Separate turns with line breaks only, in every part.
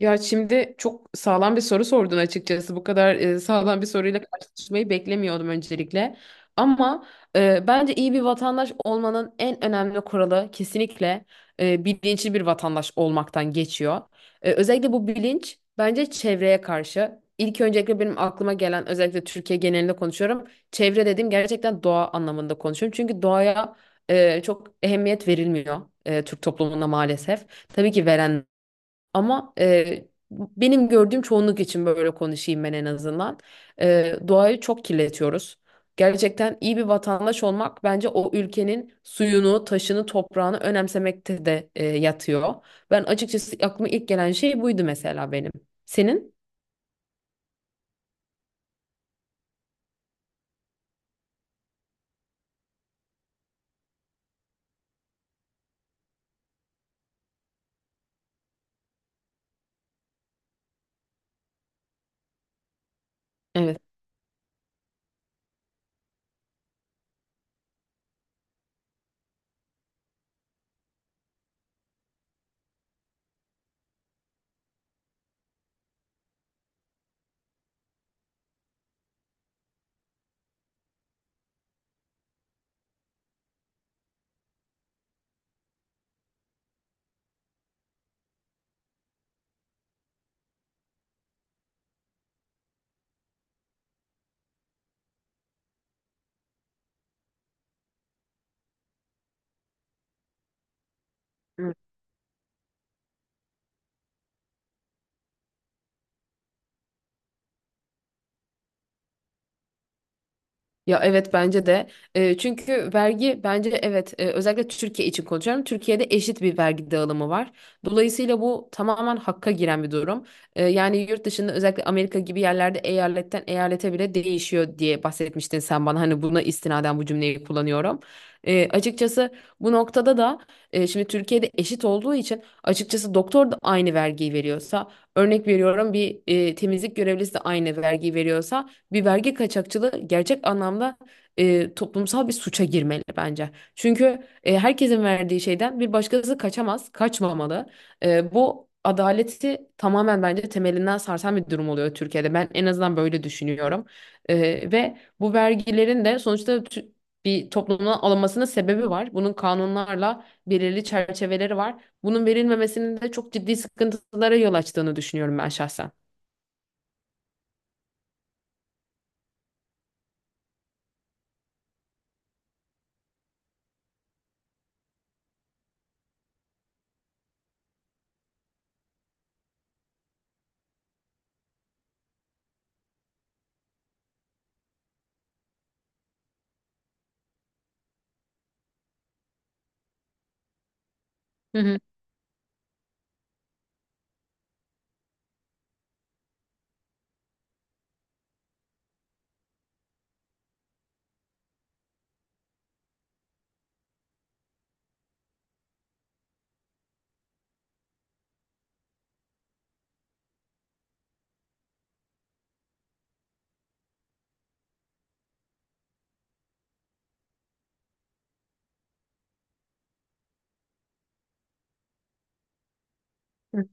Ya şimdi çok sağlam bir soru sordun açıkçası. Bu kadar sağlam bir soruyla karşılaşmayı beklemiyordum öncelikle. Ama bence iyi bir vatandaş olmanın en önemli kuralı kesinlikle bilinçli bir vatandaş olmaktan geçiyor. Özellikle bu bilinç bence çevreye karşı. İlk öncelikle benim aklıma gelen özellikle Türkiye genelinde konuşuyorum. Çevre dediğim gerçekten doğa anlamında konuşuyorum. Çünkü doğaya çok ehemmiyet verilmiyor Türk toplumunda maalesef. Tabii ki veren ama benim gördüğüm çoğunluk için böyle konuşayım ben en azından. Doğayı çok kirletiyoruz. Gerçekten iyi bir vatandaş olmak bence o ülkenin suyunu, taşını, toprağını önemsemekte de yatıyor. Ben açıkçası aklıma ilk gelen şey buydu mesela benim. Senin? Evet. Hı. Ya evet bence de. Çünkü vergi bence evet, özellikle Türkiye için konuşuyorum. Türkiye'de eşit bir vergi dağılımı var. Dolayısıyla bu tamamen hakka giren bir durum. Yani yurt dışında özellikle Amerika gibi yerlerde eyaletten eyalete bile değişiyor diye bahsetmiştin sen bana. Hani buna istinaden bu cümleyi kullanıyorum. Açıkçası bu noktada da şimdi Türkiye'de eşit olduğu için açıkçası doktor da aynı vergiyi veriyorsa örnek veriyorum bir temizlik görevlisi de aynı vergiyi veriyorsa bir vergi kaçakçılığı gerçek anlamda toplumsal bir suça girmeli bence. Çünkü herkesin verdiği şeyden bir başkası kaçamaz, kaçmamalı. Bu adaleti tamamen bence temelinden sarsan bir durum oluyor Türkiye'de. Ben en azından böyle düşünüyorum. Ve bu vergilerin de sonuçta bir toplumdan alınmasının sebebi var. Bunun kanunlarla belirli çerçeveleri var. Bunun verilmemesinin de çok ciddi sıkıntılara yol açtığını düşünüyorum ben şahsen. Hı hı. Hı.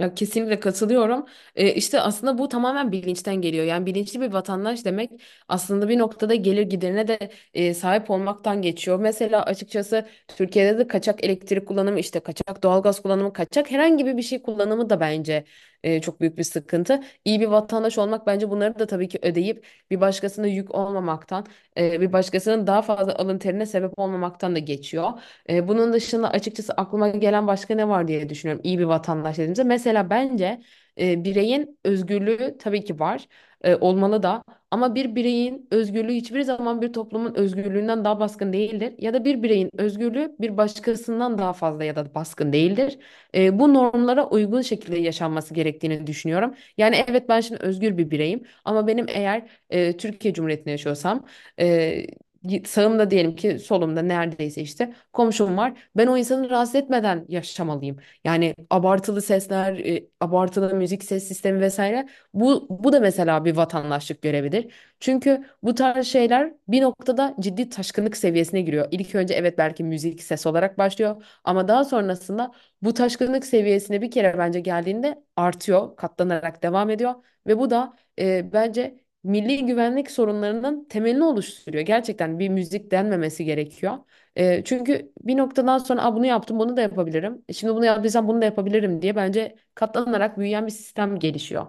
Ya kesinlikle katılıyorum. İşte aslında bu tamamen bilinçten geliyor. Yani bilinçli bir vatandaş demek aslında bir noktada gelir giderine de sahip olmaktan geçiyor. Mesela açıkçası Türkiye'de de kaçak elektrik kullanımı, işte kaçak doğalgaz kullanımı, kaçak herhangi bir şey kullanımı da bence çok büyük bir sıkıntı. İyi bir vatandaş olmak bence bunları da tabii ki ödeyip bir başkasına yük olmamaktan, bir başkasının daha fazla alın terine sebep olmamaktan da geçiyor. Bunun dışında açıkçası aklıma gelen başka ne var diye düşünüyorum. İyi bir vatandaş dediğimizde. Mesela bence bireyin özgürlüğü tabii ki var. Olmalı da. Ama bir bireyin özgürlüğü hiçbir zaman bir toplumun özgürlüğünden daha baskın değildir. Ya da bir bireyin özgürlüğü bir başkasından daha fazla ya da baskın değildir. Bu normlara uygun şekilde yaşanması gerektiğini düşünüyorum. Yani evet ben şimdi özgür bir bireyim ama benim eğer Türkiye Cumhuriyeti'nde yaşıyorsam e, sağımda diyelim ki solumda neredeyse işte komşum var. Ben o insanı rahatsız etmeden yaşamalıyım. Yani abartılı sesler, abartılı müzik ses sistemi vesaire. Bu da mesela bir vatandaşlık görevidir. Çünkü bu tarz şeyler bir noktada ciddi taşkınlık seviyesine giriyor. İlk önce evet belki müzik ses olarak başlıyor ama daha sonrasında bu taşkınlık seviyesine bir kere bence geldiğinde artıyor, katlanarak devam ediyor ve bu da bence milli güvenlik sorunlarının temelini oluşturuyor. Gerçekten bir müzik denmemesi gerekiyor. Çünkü bir noktadan sonra "Aa, bunu yaptım bunu da yapabilirim. Şimdi bunu yaptıysam bunu da yapabilirim" diye bence katlanarak büyüyen bir sistem gelişiyor.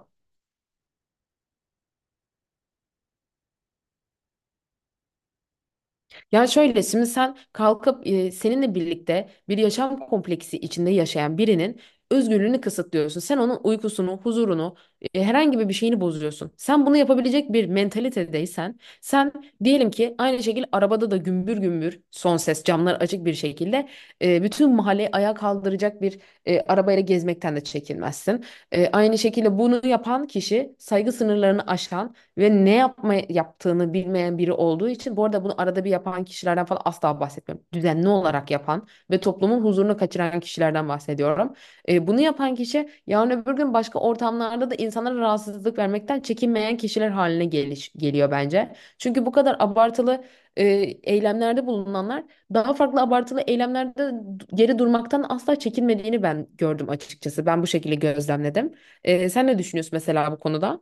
Ya şöyle, şimdi sen kalkıp seninle birlikte bir yaşam kompleksi içinde yaşayan birinin özgürlüğünü kısıtlıyorsun. Sen onun uykusunu, huzurunu, herhangi bir şeyini bozuyorsun. Sen bunu yapabilecek bir mentalitedeysen, sen diyelim ki aynı şekilde arabada da gümbür gümbür son ses camlar açık bir şekilde bütün mahalleyi ayağa kaldıracak bir arabayla gezmekten de çekinmezsin. Aynı şekilde bunu yapan kişi saygı sınırlarını aşan ve ne yapma yaptığını bilmeyen biri olduğu için, bu arada bunu arada bir yapan kişilerden falan asla bahsetmiyorum. Düzenli olarak yapan ve toplumun huzurunu kaçıran kişilerden bahsediyorum. Bunu yapan kişi yarın öbür gün başka ortamlarda da insanlara rahatsızlık vermekten çekinmeyen kişiler haline geliyor bence. Çünkü bu kadar abartılı e, eylemlerde bulunanlar daha farklı abartılı eylemlerde geri durmaktan asla çekinmediğini ben gördüm açıkçası. Ben bu şekilde gözlemledim. Sen ne düşünüyorsun mesela bu konuda?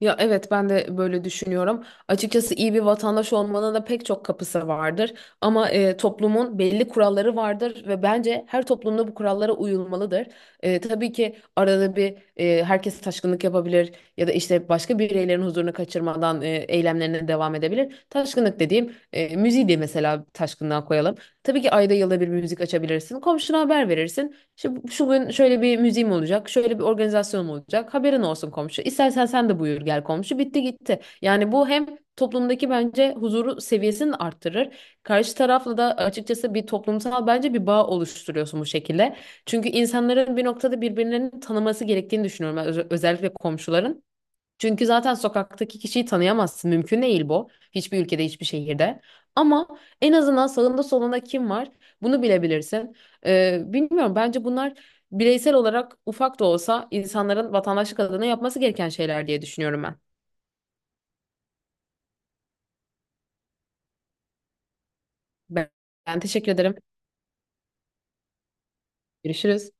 Ya evet, ben de böyle düşünüyorum. Açıkçası iyi bir vatandaş olmanın da pek çok kapısı vardır. Ama toplumun belli kuralları vardır ve bence her toplumda bu kurallara uyulmalıdır. Tabii ki arada bir herkes taşkınlık yapabilir ya da işte başka bireylerin huzurunu kaçırmadan eylemlerine devam edebilir. Taşkınlık dediğim, müziği de mesela taşkınlığa koyalım. Tabii ki ayda yılda bir müzik açabilirsin. Komşuna haber verirsin. İşte şu gün şöyle bir müziğim olacak, şöyle bir organizasyonum olacak. Haberin olsun komşu. İstersen sen de buyur gel komşu. Bitti gitti. Yani bu hem toplumdaki bence huzuru seviyesini arttırır. Karşı tarafla da açıkçası bir toplumsal bence bir bağ oluşturuyorsun bu şekilde. Çünkü insanların bir noktada birbirlerini tanıması gerektiğini düşünüyorum. Ben, özellikle komşuların. Çünkü zaten sokaktaki kişiyi tanıyamazsın. Mümkün değil bu. Hiçbir ülkede, hiçbir şehirde. Ama en azından sağında solunda kim var, bunu bilebilirsin. Bilmiyorum, bence bunlar bireysel olarak ufak da olsa insanların vatandaşlık adına yapması gereken şeyler diye düşünüyorum ben. Ben Ben teşekkür ederim. Görüşürüz.